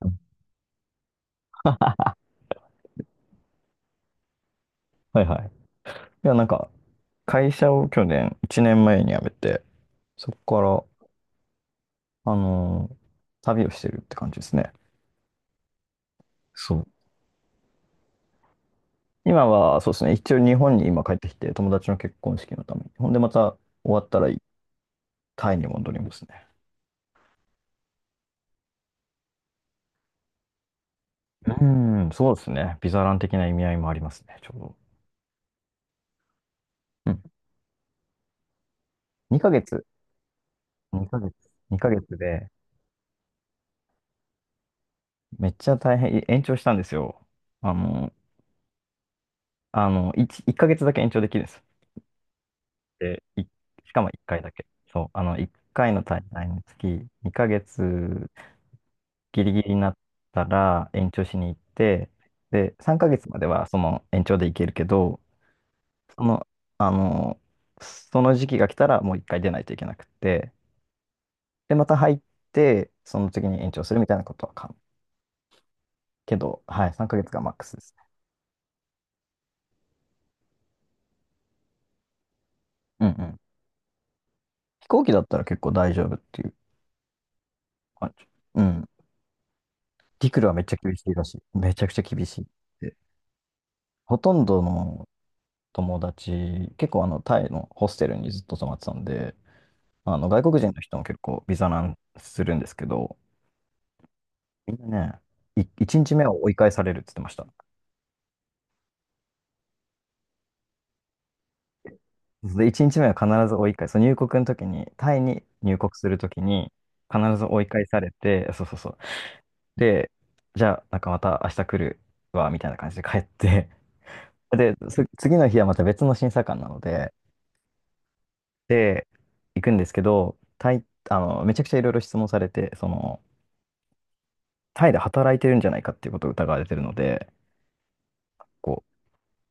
はいはい。いや、なんか、会社を去年、1年前に辞めて、そこから、旅をしてるって感じですね。そう。今は、そうですね、一応日本に今帰ってきて、友達の結婚式のために。ほんで、また終わったら、タイに戻りますね。うーん、そうですね。ビザラン的な意味合いもありますね、ちょうど。うん。2ヶ月、2ヶ月、2ヶ月で、めっちゃ大変、延長したんですよ。あの、あの、1ヶ月だけ延長できるんです。で、しかも1回だけ。そう、あの、1回の滞在の月、2ヶ月ギリギリになったら延長しに行って、で、3ヶ月まではその延長で行けるけど、その、あの、その時期が来たらもう1回出ないといけなくて、で、また入って、その次に延長するみたいなことは可能。けど、はい、3ヶ月がマックスですね。うんうん。飛行機だったら結構大丈夫っていう感じ。うん。陸路はめっちゃ厳しいらしい。めちゃくちゃ厳しいって。ほとんどの友達、結構あのタイのホステルにずっと泊まってたんで、あの外国人の人も結構ビザ難するんですけど、みんなね、1日目は追い返されるって言ってました。で、1日目は必ず追い返す。そう、入国の時に、タイに入国する時に必ず追い返されて、そうそうそう。で、じゃあなんかまた明日来るわ、みたいな感じで帰って、で、次の日はまた別の審査官なので、で、行くんですけど、タイ、あの、めちゃくちゃいろいろ質問されて、その、タイで働いてるんじゃないかっていうことを疑われてるので、こ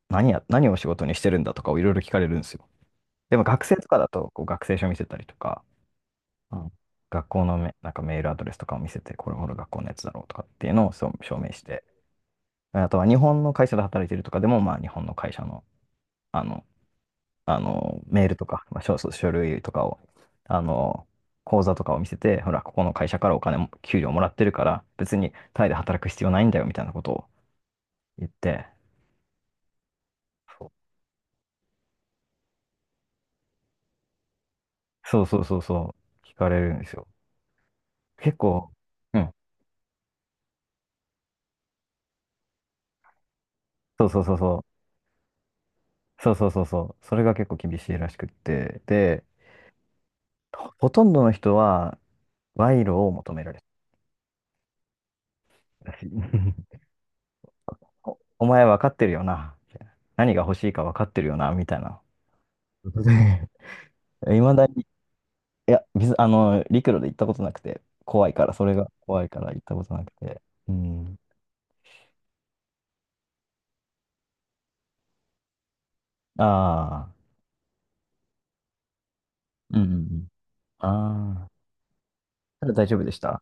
う、何を仕事にしてるんだとかをいろいろ聞かれるんですよ。でも学生とかだと、こう学生証見せたりとか、うん、学校のなんかメールアドレスとかを見せて、これほら学校のやつだろうとかっていうのをそう証明して、あとは日本の会社で働いてるとかでも、まあ日本の会社の、あの、あの、メールとか、まあ、書類とかを、あの、口座とかを見せて、ほら、ここの会社からお金も、給料もらってるから、別にタイで働く必要ないんだよみたいなことを言って、そうそうそうそうそう、聞かれるんですよ。結構、うん、そうそうそうそう、そうそうそうそう、それが結構厳しいらしくって、で、ほとんどの人は賄賂を求められてたし、お前分かってるよな、みたいな、何が欲しいか分かってるよな、みたいな。いまだに、いや、あの、陸路で行ったことなくて、怖いから、それが怖いから行ったことなくて。うん。ああ、うんうんうん。ああ、ただ大丈夫でした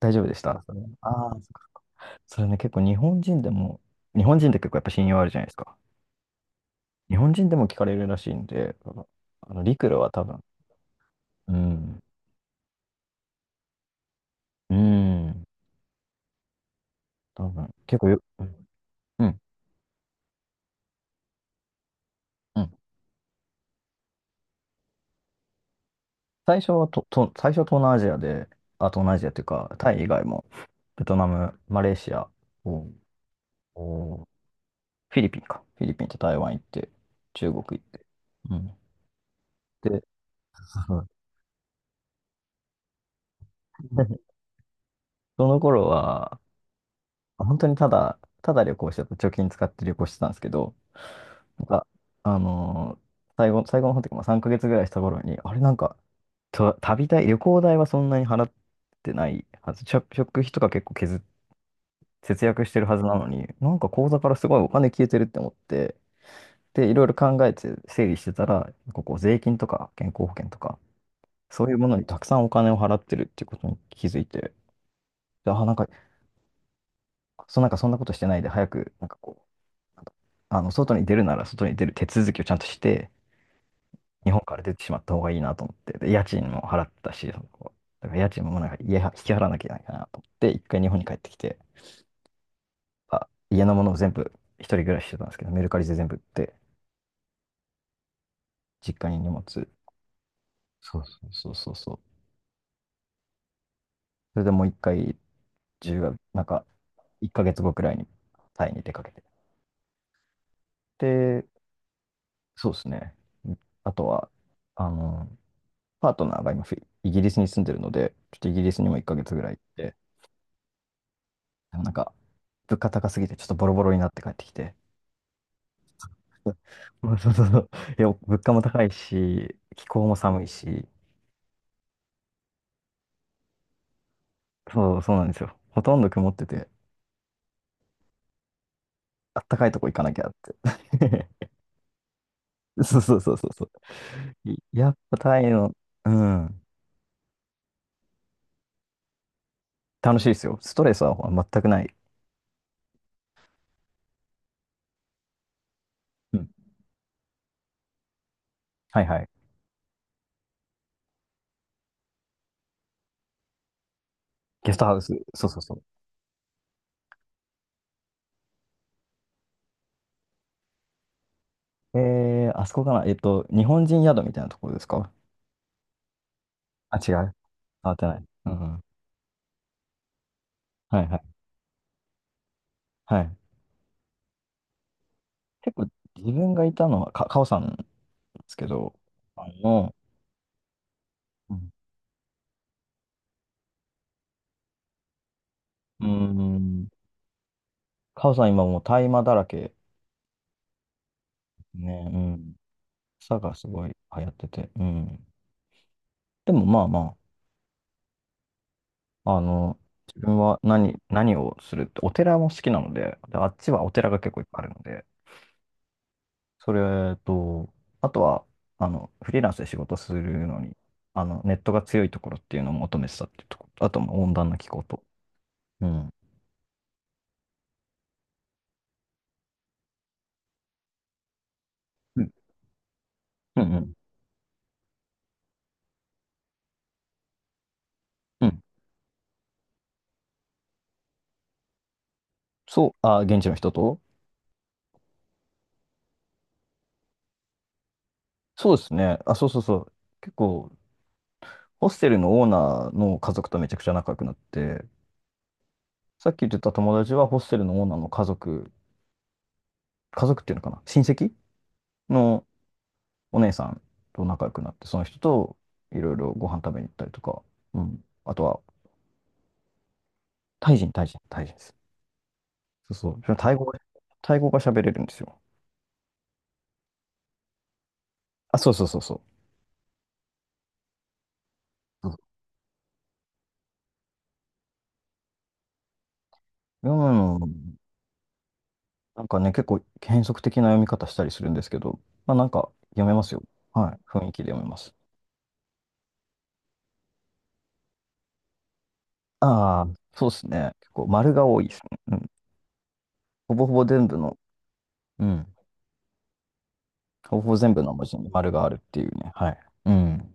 大丈夫でしたそれね、結構日本人でも、日本人って結構やっぱ信用あるじゃないですか。日本人でも聞かれるらしいんで、あの陸路は多分、うん、うん、多分、結構よ、うん、うん。うん、最初は東南アジアで、あ、東南アジアっていうか、タイ以外も、ベトナム、マレーシア、おおーフィリピンか。フィリピンと台湾行って、中国行って。うん。で、その頃は、本当にただ旅行してた、貯金使って旅行してたんですけど、なんか、あのー最後の方というか、まあ、3ヶ月ぐらいした頃に、あれなんか、と旅代、旅行代はそんなに払ってないはず、食費とか結構削っ、節約してるはずなのに、なんか口座からすごいお金消えてるって思って、で、いろいろ考えて整理してたら、税金とか健康保険とか、そういうものにたくさんお金を払ってるっていうことに気づいて、で、あ、なんか、なんかそんなことしてないで、早く、なんかあの、外に出るなら外に出る手続きをちゃんとして、日本から出てしまった方がいいなと思って、で、家賃も払ったし、だから家賃もなんか家は引き払わなきゃいけないかなと思って、一回日本に帰ってきて、あ、家のものを全部、一人暮らししてたんですけど、メルカリで全部売って、実家に荷物、そうそう。そうそうそう。それでもう一回、10月、なんか、一ヶ月後くらいにタイに出かけて。で、そうですね。あとは、あの、パートナーが今イギリスに住んでるので、ちょっとイギリスにも1ヶ月ぐらい行って、でもなんか、物価高すぎて、ちょっとボロボロになって帰ってきて、そうそうそうそう、いや、物価も高いし、気候も寒いし、そう、そうなんですよ。ほとんど曇ってて、あったかいとこ行かなきゃって。そうそうそうそうそう。いや、っぱタイの、うん、楽しいですよ。ストレスは全くない。うん。はいはい。ゲストハウス。そうそうそう。あそこかな。日本人宿みたいなところですか？あ、違う。変わってない。うん。はいはい。はい。結構自分がいたのは、カオさんですけど、あの、うん、うーん、カオさん今もう大麻だらけね、うん。草がすごい流行ってて、うん。でもまあまあ、あの、自分は何をするって、お寺も好きなので、で、あっちはお寺が結構いっぱいあるので、それと、あとは、あの、フリーランスで仕事するのに、あの、ネットが強いところっていうのを求めてたっていうところ、あと、まあ温暖な気候と。うんうん、うん、うん。うん、そう、あ、現地の人と。そうですね。あ、そうそうそう。結構、ホステルのオーナーの家族とめちゃくちゃ仲良くなって、さっき言ってた友達はホステルのオーナーの家族、家族っていうのかな、親戚のお姉さんと仲良くなって、その人といろいろご飯食べに行ったりとか、うん。あとは、タイ人、タイ人、タイ人です。そうそう。タイ語が喋れるんですよ。あ、そうそうそうそう。うん、なんかね、結構変則的な読み方したりするんですけど、まあなんか読めますよ。はい。雰囲気で読めます。ああ、そうですね。結構丸が多いですね。うん。ほぼほぼ全部の、うん。ほぼほぼ全部の文字に丸があるっていうね。はい。うん。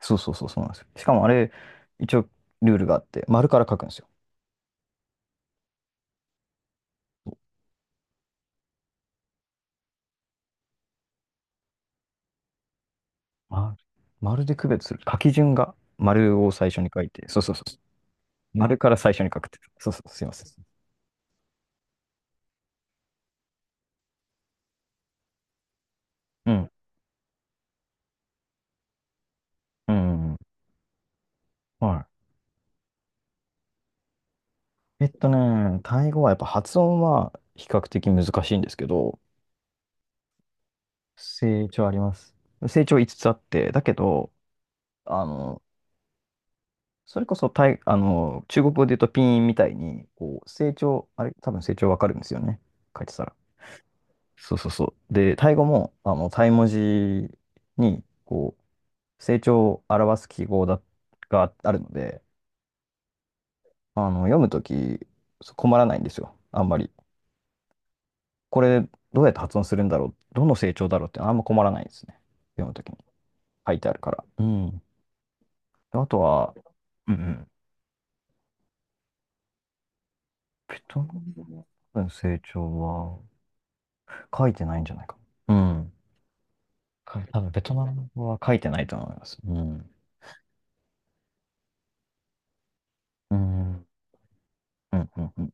そうそうそう、そうなんですよ。しかもあれ、一応ルールがあって、丸から書くんですよ。丸、丸で区別する。書き順が丸を最初に書いて、そうそうそう。丸から最初に書くって。そうそう、すいません。うん。うん。はい。タイ語はやっぱ発音は比較的難しいんですけど、成長あります。成長5つつあって、だけど、あの、それこそタイ、あの、中国語で言うとピンみたいに、こう、成長、あれ、多分成長わかるんですよね。書いてたら。そうそうそう。で、タイ語も、あの、タイ文字に、こう、成長を表す記号があるので、あの、読むとき、そう困らないんですよ。あんまり。これどうやって発音するんだろう、どの成長だろうってあんま困らないですね。読むときに書いてあるから。うん。あとは、うんうん。ベトナムの成長は書いてないんじゃないか。うん。多分ベトナム語は書いてないと思います。うん。うん。うん。うん。うん、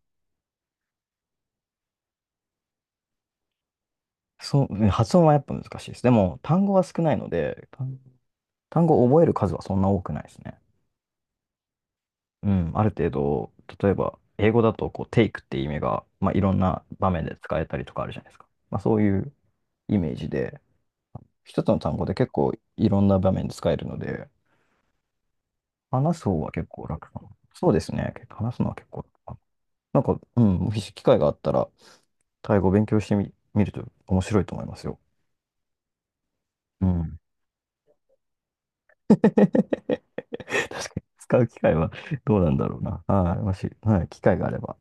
そう、発音はやっぱ難しいです。でも単語は少ないので、単語を覚える数はそんな多くないですね。うん、ある程度、例えば、英語だと、こう、テイクっていう意味が、まあ、いろんな場面で使えたりとかあるじゃないですか。まあ、そういうイメージで、一つの単語で結構いろんな場面で使えるので、話す方は結構楽かな。そうですね。結構話すのは結構楽かな。なんか、うん、もし機会があったら、タイ語を勉強してみ、見ると面白いと思いますよ。うん。確かに、使う機会はどうなんだろうな。はい。もし、はい、機会があれば。